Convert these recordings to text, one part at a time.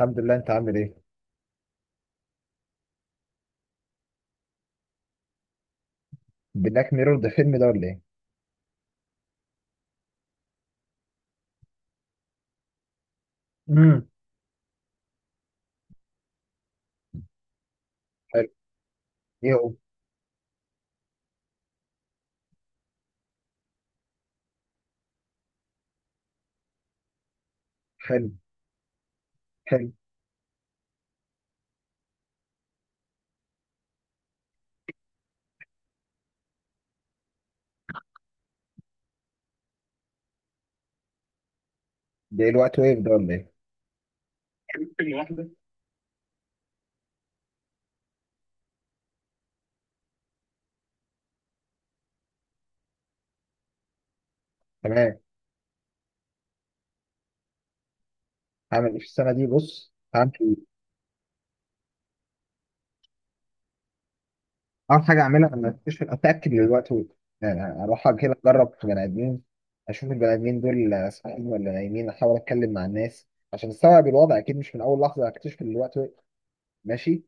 الحمد لله، انت عامل ايه؟ بلاك ميرور ده فيلم ده ولا ايه؟ امم حلو. ايه هو؟ حلو. حلو. ده ايه الوقت ويف ده ولا ايه؟ تمام. هعمل ايه في السنه دي؟ بص، هعمل ايه؟ اول حاجه اعملها، انا اكتشف، اتاكد من الوقت ويف. يعني اروح كده اجرب في بني ادمين، اشوف البني ادمين دول صاحيين ولا نايمين، احاول اتكلم مع الناس عشان استوعب الوضع. اكيد مش من اول لحظه هكتشف ان الوقت ويف. ماشي.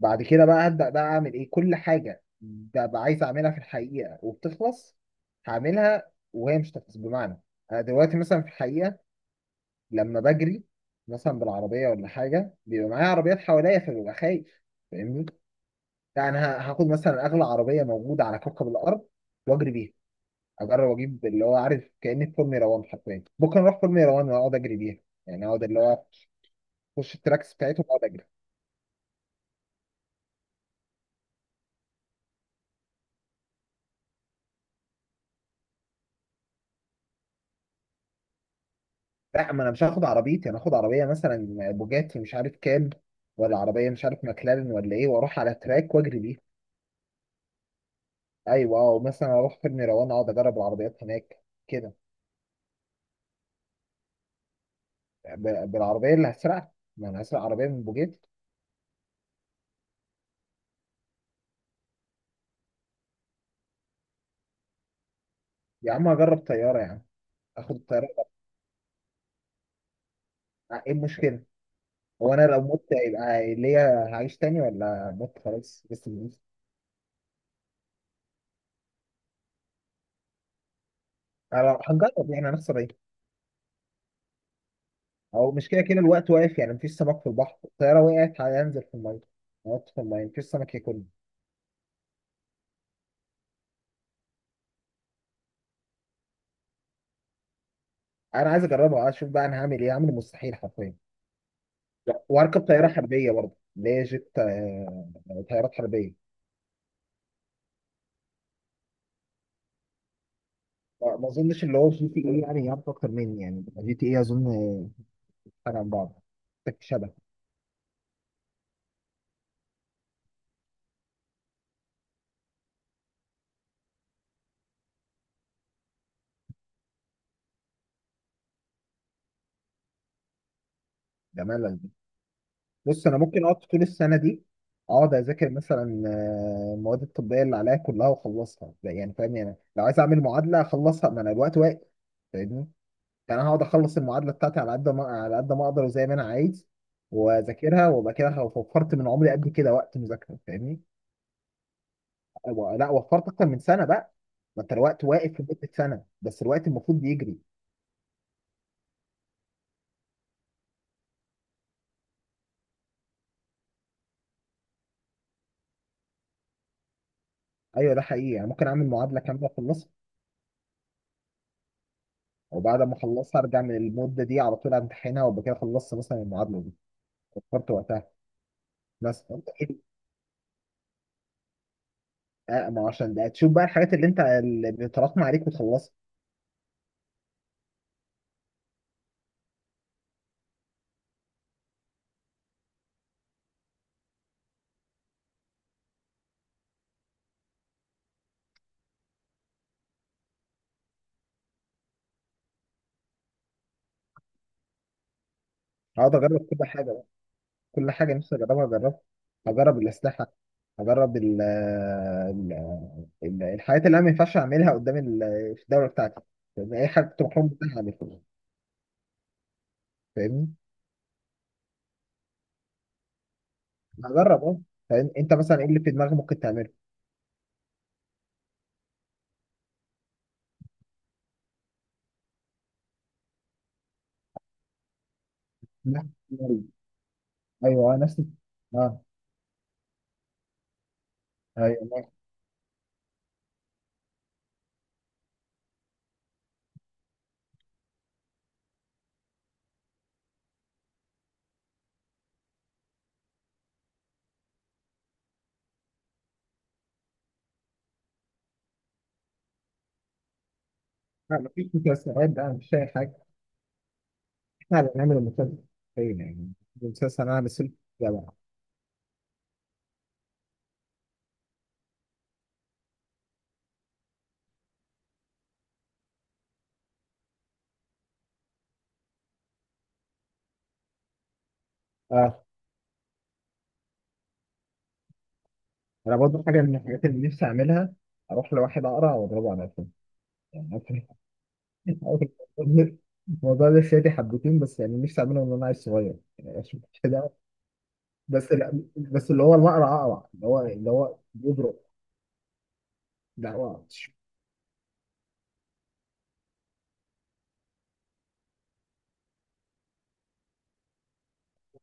بعد كده بقى هبدأ بقى أعمل إيه؟ كل حاجة ببقى عايز أعملها في الحقيقة وبتخلص، هعملها وهي مش تخلص. بمعنى، أنا دلوقتي مثلا في الحقيقة لما بجري مثلا بالعربية ولا حاجة بيبقى معايا عربيات حواليا فببقى خايف. فاهمني؟ لا، أنا هاخد مثلا أغلى عربية موجودة على كوكب الأرض وأجري بيها. أجرب أجيب اللي هو عارف، كأني في فورمولا 1 حرفيا. ممكن أروح فورمولا 1 وأقعد أجري بيها. يعني أقعد اللي هو أخش التراكس بتاعتهم وأقعد أجري. لا، ما انا مش هاخد عربيتي، انا هاخد عربيه مثلا بوجاتي مش عارف كام، ولا عربيه مش عارف ماكلارين ولا ايه، واروح على تراك واجري بيها. ايوه، او مثلا اروح فيلم روان اقعد اجرب العربيات هناك كده. بالعربيه اللي هسرقها، ما انا هسرق عربيه من بوجاتي. يا عم اجرب طياره يا عم. اخد الطياره. آه، ايه المشكله؟ هو انا لو مت يبقى ليا هعيش تاني، ولا مت خلاص بس بنموت؟ أنا هنجرب، يعني هنخسر ايه؟ او مش كده كده الوقت واقف، يعني مفيش سمك في البحر. الطياره وقعت هينزل في الميه، هنط في الميه مفيش سمك ياكل. انا عايز اجربه اشوف بقى انا هعمل ايه. هعمل المستحيل حرفيا. لا، واركب طياره حربيه برضه اللي هي جيت. طيارات حربيه. ما اظنش اللي هو جي تي ايه يعني يعرف اكتر مني. يعني جي تي ايه اظن فرق عن بعض، تك شبه. ده ملل. بص، انا ممكن اقعد طول السنه دي اقعد اذاكر مثلا المواد الطبيه اللي عليا كلها واخلصها. يعني فاهمني، انا لو عايز اعمل معادله اخلصها، ما انا الوقت واقف. فاهمني؟ يعني انا هقعد اخلص المعادله بتاعتي على قد ما على قد ما اقدر وزي ما انا عايز، واذاكرها وابقى كده وفرت من عمري قد كده وقت مذاكره. فاهمني؟ لا، وفرت اكتر من سنه بقى. ما انت الوقت واقف في مده سنه بس الوقت المفروض بيجري. ايوه، ده حقيقي. يعني ممكن اعمل معادله كامله اخلصها، وبعد ما اخلصها ارجع من المده دي على طول امتحنها وابقى كده خلصت مثلا المعادله دي، وفرت وقتها. بس انت ايه؟ آه ما هو عشان ده، تشوف بقى الحاجات اللي انت اللي بتتراكم عليك وتخلصها. هقعد اجرب كل حاجه. كل حاجة نفسي أجربها أجربها. هجرب الأسلحة. هجرب الحاجات اللي أنا ما ينفعش أعملها قدام في الدولة بتاعتي، لأن أي حاجة كنت محروم منها أعملها. فاهمني؟ هجرب أه. فاهم؟ أنت مثلا إيه اللي في دماغك ممكن تعمله؟ لا. ايوه، انا نفسي. اه. ايوه ماشي. لا، مفيش مسلسلات بقى، مش شايف حاجة. احنا اللي هنعمل المسلسل. ايه يعني، المسلسل انا مثلت جماعة. اه، انا برضه حاجة من الحاجات اللي نفسي اعملها، اروح لواحد اقرع واضربه على قفاه يعني. الموضوع ده شادي حبتين بس، يعني نفسي اعمله من وانا عيل صغير يعني، عشان كده. بس لا، بس اللي هو الأقرع أقرع، اللي هو بيضرب. لا، هو،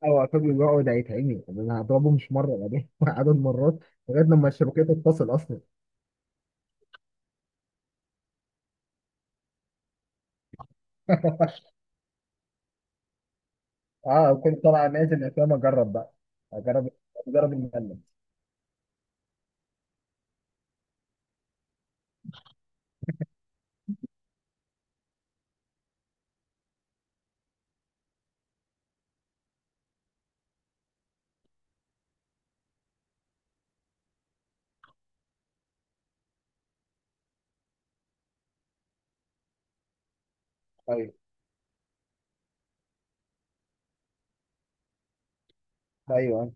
هو الراجل بيقعد هيتعمي. يعني انا هضربه مش مره، يعني عدد مرات لغايه لما الشبكيه تتصل اصلا. اه، كنت طالع نازل الافلام اجرب بقى. اجرب اجرب الملل. ايوه، ايوه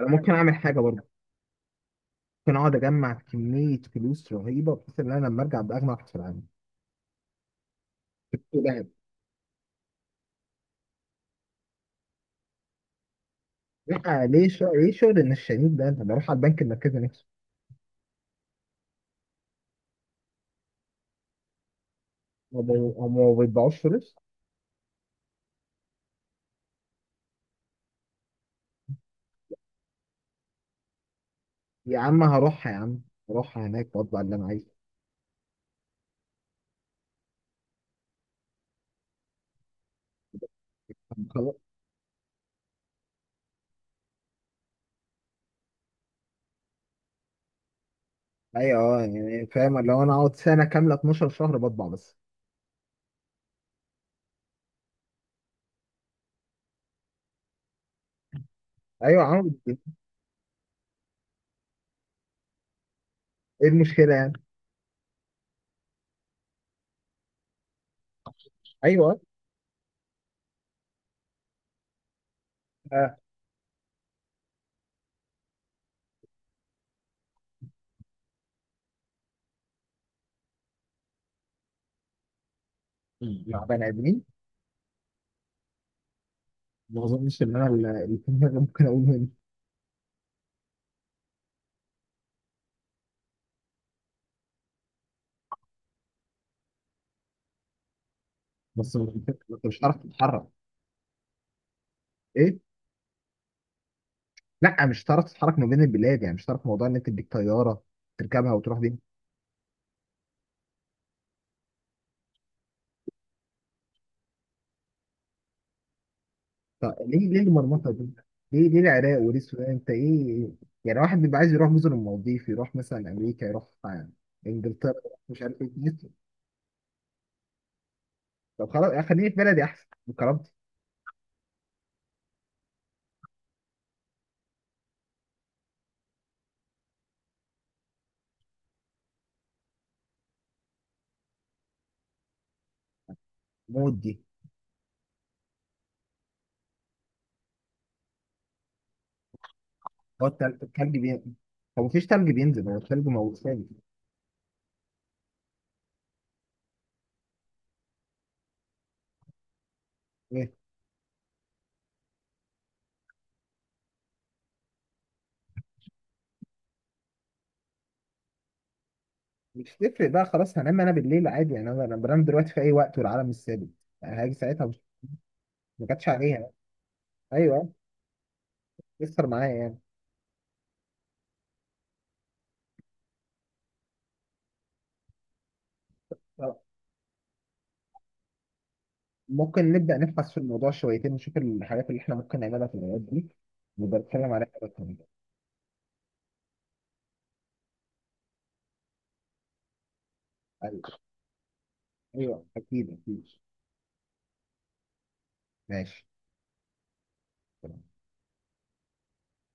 انا ممكن اعمل حاجه برضه. ممكن اقعد اجمع كميه فلوس رهيبه بحيث ان انا لما ارجع ابقى اغنى واحد في العالم. لا، ليه شغل النشالين ده، انا بروح على البنك المركزي نفسه. ما بي- هم ما بيطبعوش فلوس. يا عم هروح يا عم. هروح هناك واطبع اللي انا عايزه. طب خلاص. ايوه، اه يعني فاهم، لو انا اقعد سنه كامله 12 شهر بطبع بس. ايوه عم. ايه المشكله يعني. ايوه. آه، مع بني ادمين. ما اظنش ان انا اللي في دماغي ممكن اقول منه. بس انت، مش هتعرف تتحرك. ايه. لا، مش هتعرف تتحرك ما بين البلاد. يعني مش هتعرف موضوع ان انت تديك طياره تركبها وتروح بيها. طب ليه ليه المرمطه دي؟ ليه ليه العراق وليه السودان؟ انت ايه يعني، واحد بيبقى عايز يروح مثلا المالديف، يروح مثلا امريكا، يروح انجلترا، يروح مش عارف ايه. طب خلاص، خليني في بلدي احسن بكرامتي. موت دي. هو التلج، التلج بينزل؟ هو مفيش تلج بينزل؟ هو التلج موجود ثابت؟ ايه، مش تفرق بقى خلاص. هنام انا بالليل عادي يعني. أنا بنام دلوقتي في اي وقت والعالم مش ثابت. يعني هاجي ساعتها، مش ما جاتش عليها. ايوه يسر معايا يعني. ممكن نبدأ نبحث في الموضوع شويتين، نشوف الحاجات اللي احنا ممكن نعملها في الأوقات دي، نبقى نتكلم عليها بس. أيوه، أيوه أكيد أكيد. ماشي.